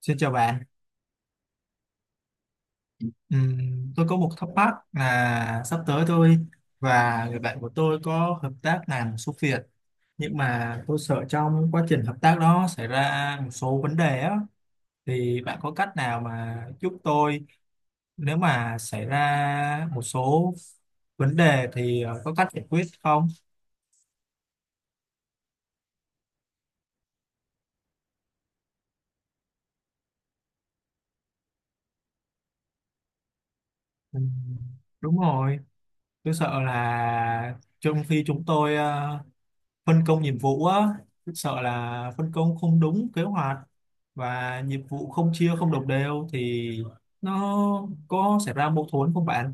Xin chào bạn. Tôi có một thắc mắc là sắp tới tôi và người bạn của tôi có hợp tác làm một số việc, nhưng mà tôi sợ trong quá trình hợp tác đó xảy ra một số vấn đề á, thì bạn có cách nào mà giúp tôi nếu mà xảy ra một số vấn đề thì có cách giải quyết không? Ừm, đúng rồi, tôi sợ là trong khi chúng tôi phân công nhiệm vụ á, rất sợ là phân công không đúng kế hoạch và nhiệm vụ không chia không đồng đều thì nó có xảy ra mâu thuẫn không bạn?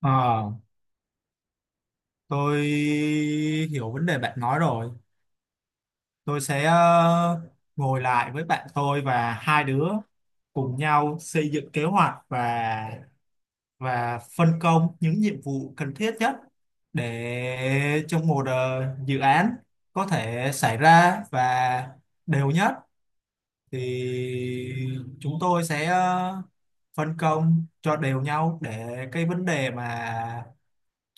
Ờ, tôi hiểu vấn đề bạn nói rồi. Tôi sẽ ngồi lại với bạn tôi và hai đứa cùng nhau xây dựng kế hoạch và phân công những nhiệm vụ cần thiết nhất để trong một dự án có thể xảy ra và đều nhất thì chúng tôi sẽ phân công cho đều nhau để cái vấn đề mà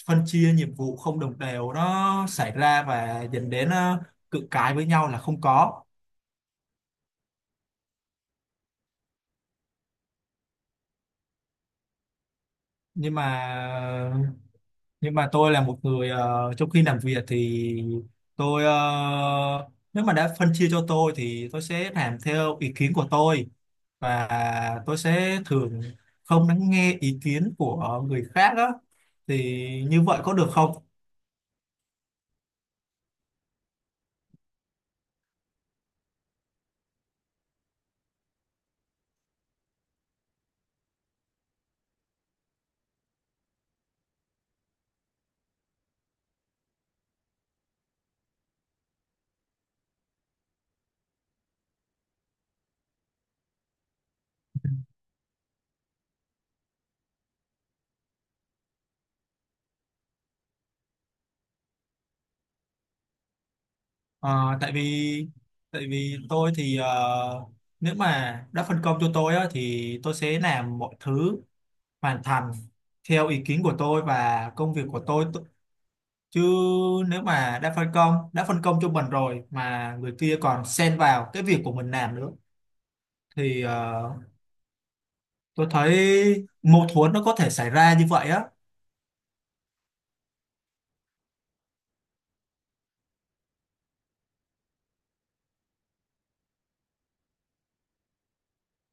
phân chia nhiệm vụ không đồng đều nó xảy ra và dẫn đến cự cãi với nhau là không có. Nhưng mà nhưng mà tôi là một người trong khi làm việc thì tôi nếu mà đã phân chia cho tôi thì tôi sẽ làm theo ý kiến của tôi, và tôi sẽ thường không lắng nghe ý kiến của người khác á, thì như vậy có được không? Ờ, tại vì tôi thì nếu mà đã phân công cho tôi á, thì tôi sẽ làm mọi thứ hoàn thành theo ý kiến của tôi và công việc của tôi, chứ nếu mà đã phân công cho mình rồi mà người kia còn xen vào cái việc của mình làm nữa thì tôi thấy mâu thuẫn nó có thể xảy ra như vậy á.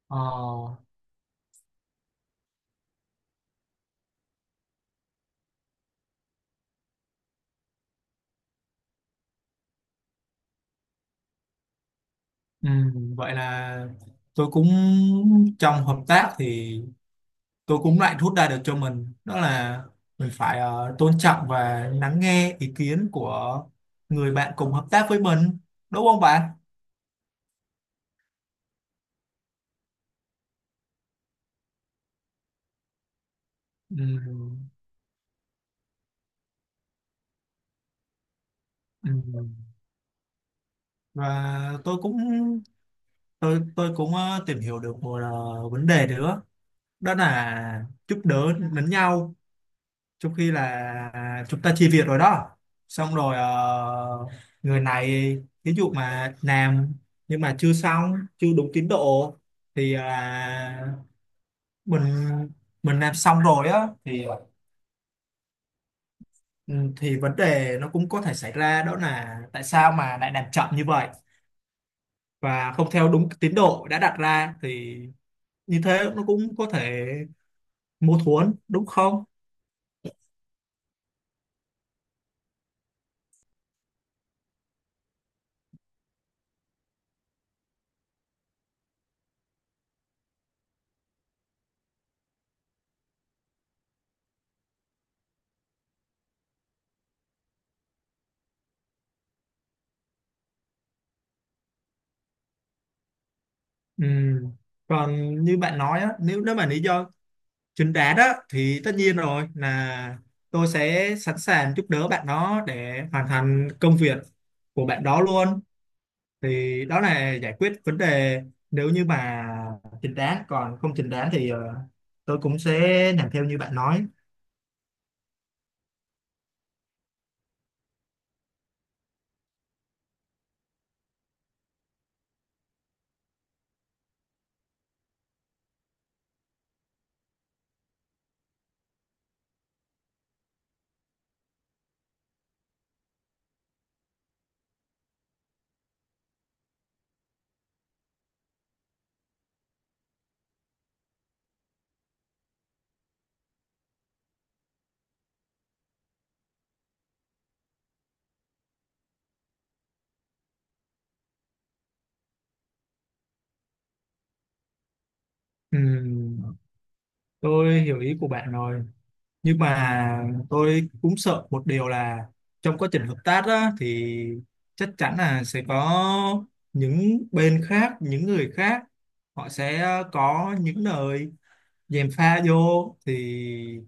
Ờ, vậy là tôi cũng trong hợp tác thì tôi cũng lại rút ra được cho mình đó là mình phải tôn trọng và lắng nghe ý kiến của người bạn cùng hợp tác với mình, đúng không bạn? Ừm, ừm. Và tôi cũng tôi cũng tìm hiểu được một vấn đề nữa, đó là giúp đỡ lẫn nhau. Trong khi là chúng ta chia việc rồi đó, xong rồi người này ví dụ mà làm nhưng mà chưa xong chưa đúng tiến độ thì là mình mình làm xong rồi á, thì ừ, thì vấn đề nó cũng có thể xảy ra, đó là tại sao mà lại làm chậm như vậy và không theo đúng tiến độ đã đặt ra, thì như thế nó cũng có thể mâu thuẫn đúng không? Ừ. Còn như bạn nói á, nếu nếu mà lý do chính đáng á thì tất nhiên rồi, là tôi sẽ sẵn sàng giúp đỡ bạn đó để hoàn thành công việc của bạn đó luôn, thì đó là giải quyết vấn đề nếu như mà chính đáng. Còn không chính đáng thì tôi cũng sẽ làm theo như bạn nói. Ừ. Tôi hiểu ý của bạn rồi, nhưng mà tôi cũng sợ một điều là trong quá trình hợp tác á, thì chắc chắn là sẽ có những bên khác, những người khác, họ sẽ có những lời gièm pha vô, thì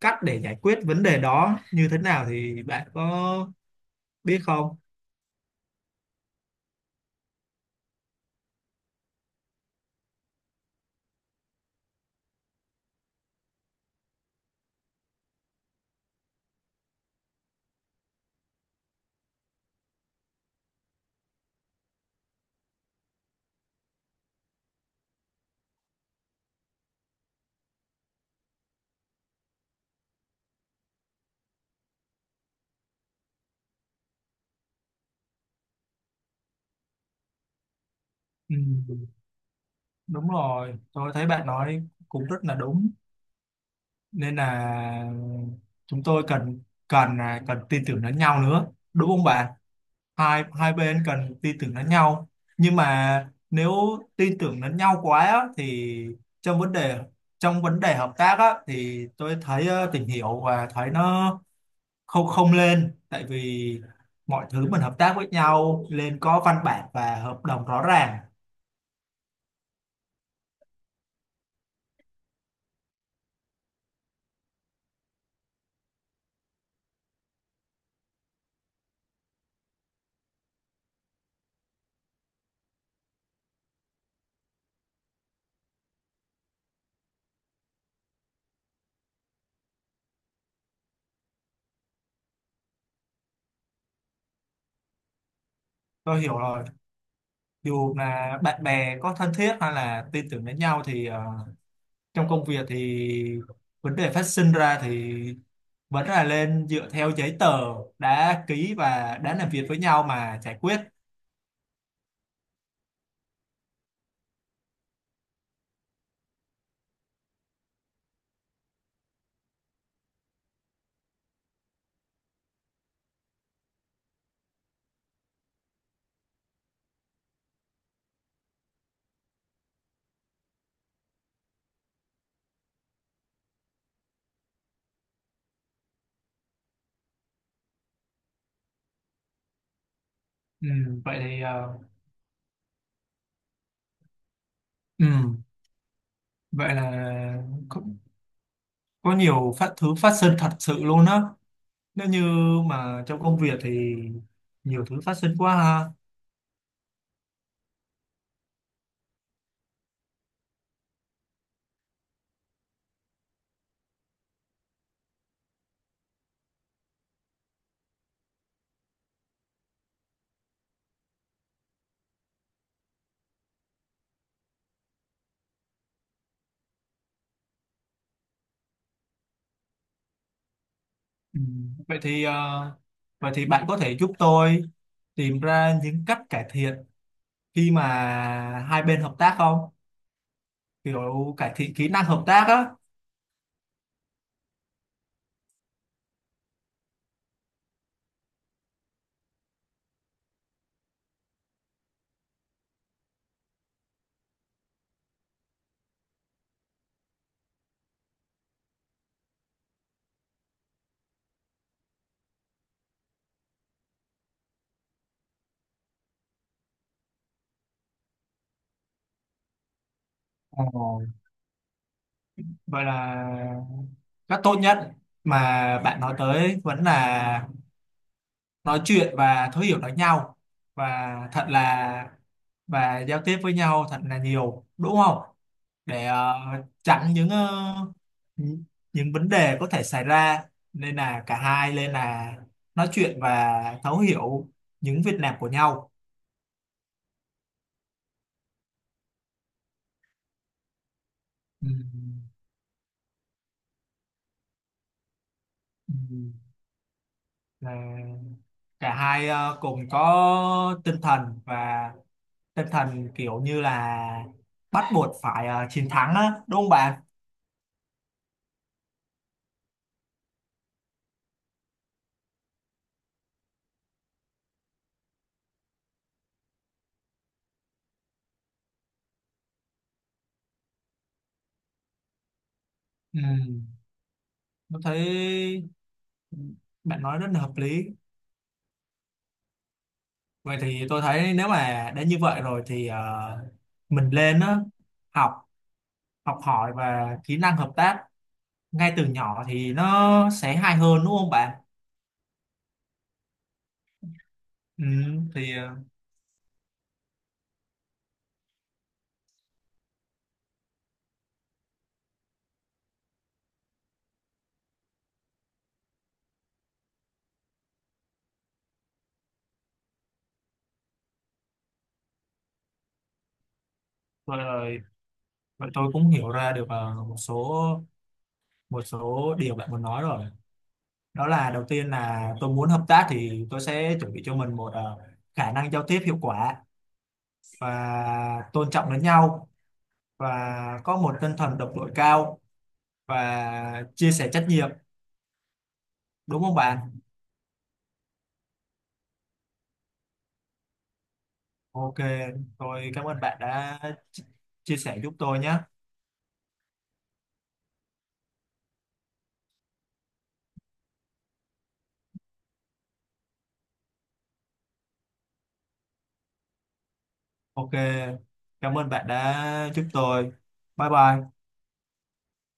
cách để giải quyết vấn đề đó như thế nào thì bạn có biết không? Ừ, đúng rồi, tôi thấy bạn nói cũng rất là đúng, nên là chúng tôi cần cần cần tin tưởng lẫn nhau nữa, đúng không bạn? Hai hai bên cần tin tưởng lẫn nhau, nhưng mà nếu tin tưởng lẫn nhau quá á, thì trong vấn đề trong vấn đề hợp tác á, thì tôi thấy tìm hiểu và thấy nó không không lên, tại vì mọi thứ mình hợp tác với nhau nên có văn bản và hợp đồng rõ ràng. Tôi hiểu rồi, dù là bạn bè có thân thiết hay là tin tưởng lẫn nhau thì trong công việc thì vấn đề phát sinh ra thì vẫn là lên dựa theo giấy tờ đã ký và đã làm việc với nhau mà giải quyết. Ừ, vậy thì ừ, vậy là có, có nhiều phát thứ phát sinh thật sự luôn đó, nếu như mà trong công việc thì nhiều thứ phát sinh quá ha. Ừ, vậy thì vậy thì bạn có thể giúp tôi tìm ra những cách cải thiện khi mà hai bên hợp tác không, kiểu cải thiện kỹ năng hợp tác á? Ồ, vậy là cách tốt nhất mà bạn nói tới vẫn là nói chuyện và thấu hiểu lẫn nhau và thật là và giao tiếp với nhau thật là nhiều đúng không, để chặn những những những vấn đề có thể xảy ra, nên là cả hai nên là nói chuyện và thấu hiểu những việc làm của nhau. Ừ. Ừ. Là cả hai cùng có tinh thần và tinh thần kiểu như là bắt buộc phải chiến thắng á, đúng không bạn? Ừ. Tôi thấy bạn nói rất là hợp lý, vậy thì tôi thấy nếu mà đã như vậy rồi thì mình lên á học học hỏi và kỹ năng hợp tác ngay từ nhỏ thì nó sẽ hay hơn, đúng không bạn? Ừ. Thì rồi, rồi vậy tôi cũng hiểu ra được một số điều bạn muốn nói rồi, đó là đầu tiên là tôi muốn hợp tác thì tôi sẽ chuẩn bị cho mình một khả năng giao tiếp hiệu quả và tôn trọng lẫn nhau, và có một tinh thần đồng đội cao và chia sẻ trách nhiệm, đúng không bạn? Ok, tôi cảm ơn bạn đã chi- chia sẻ giúp tôi nhé. Ok, cảm ơn bạn đã giúp tôi. Bye bye.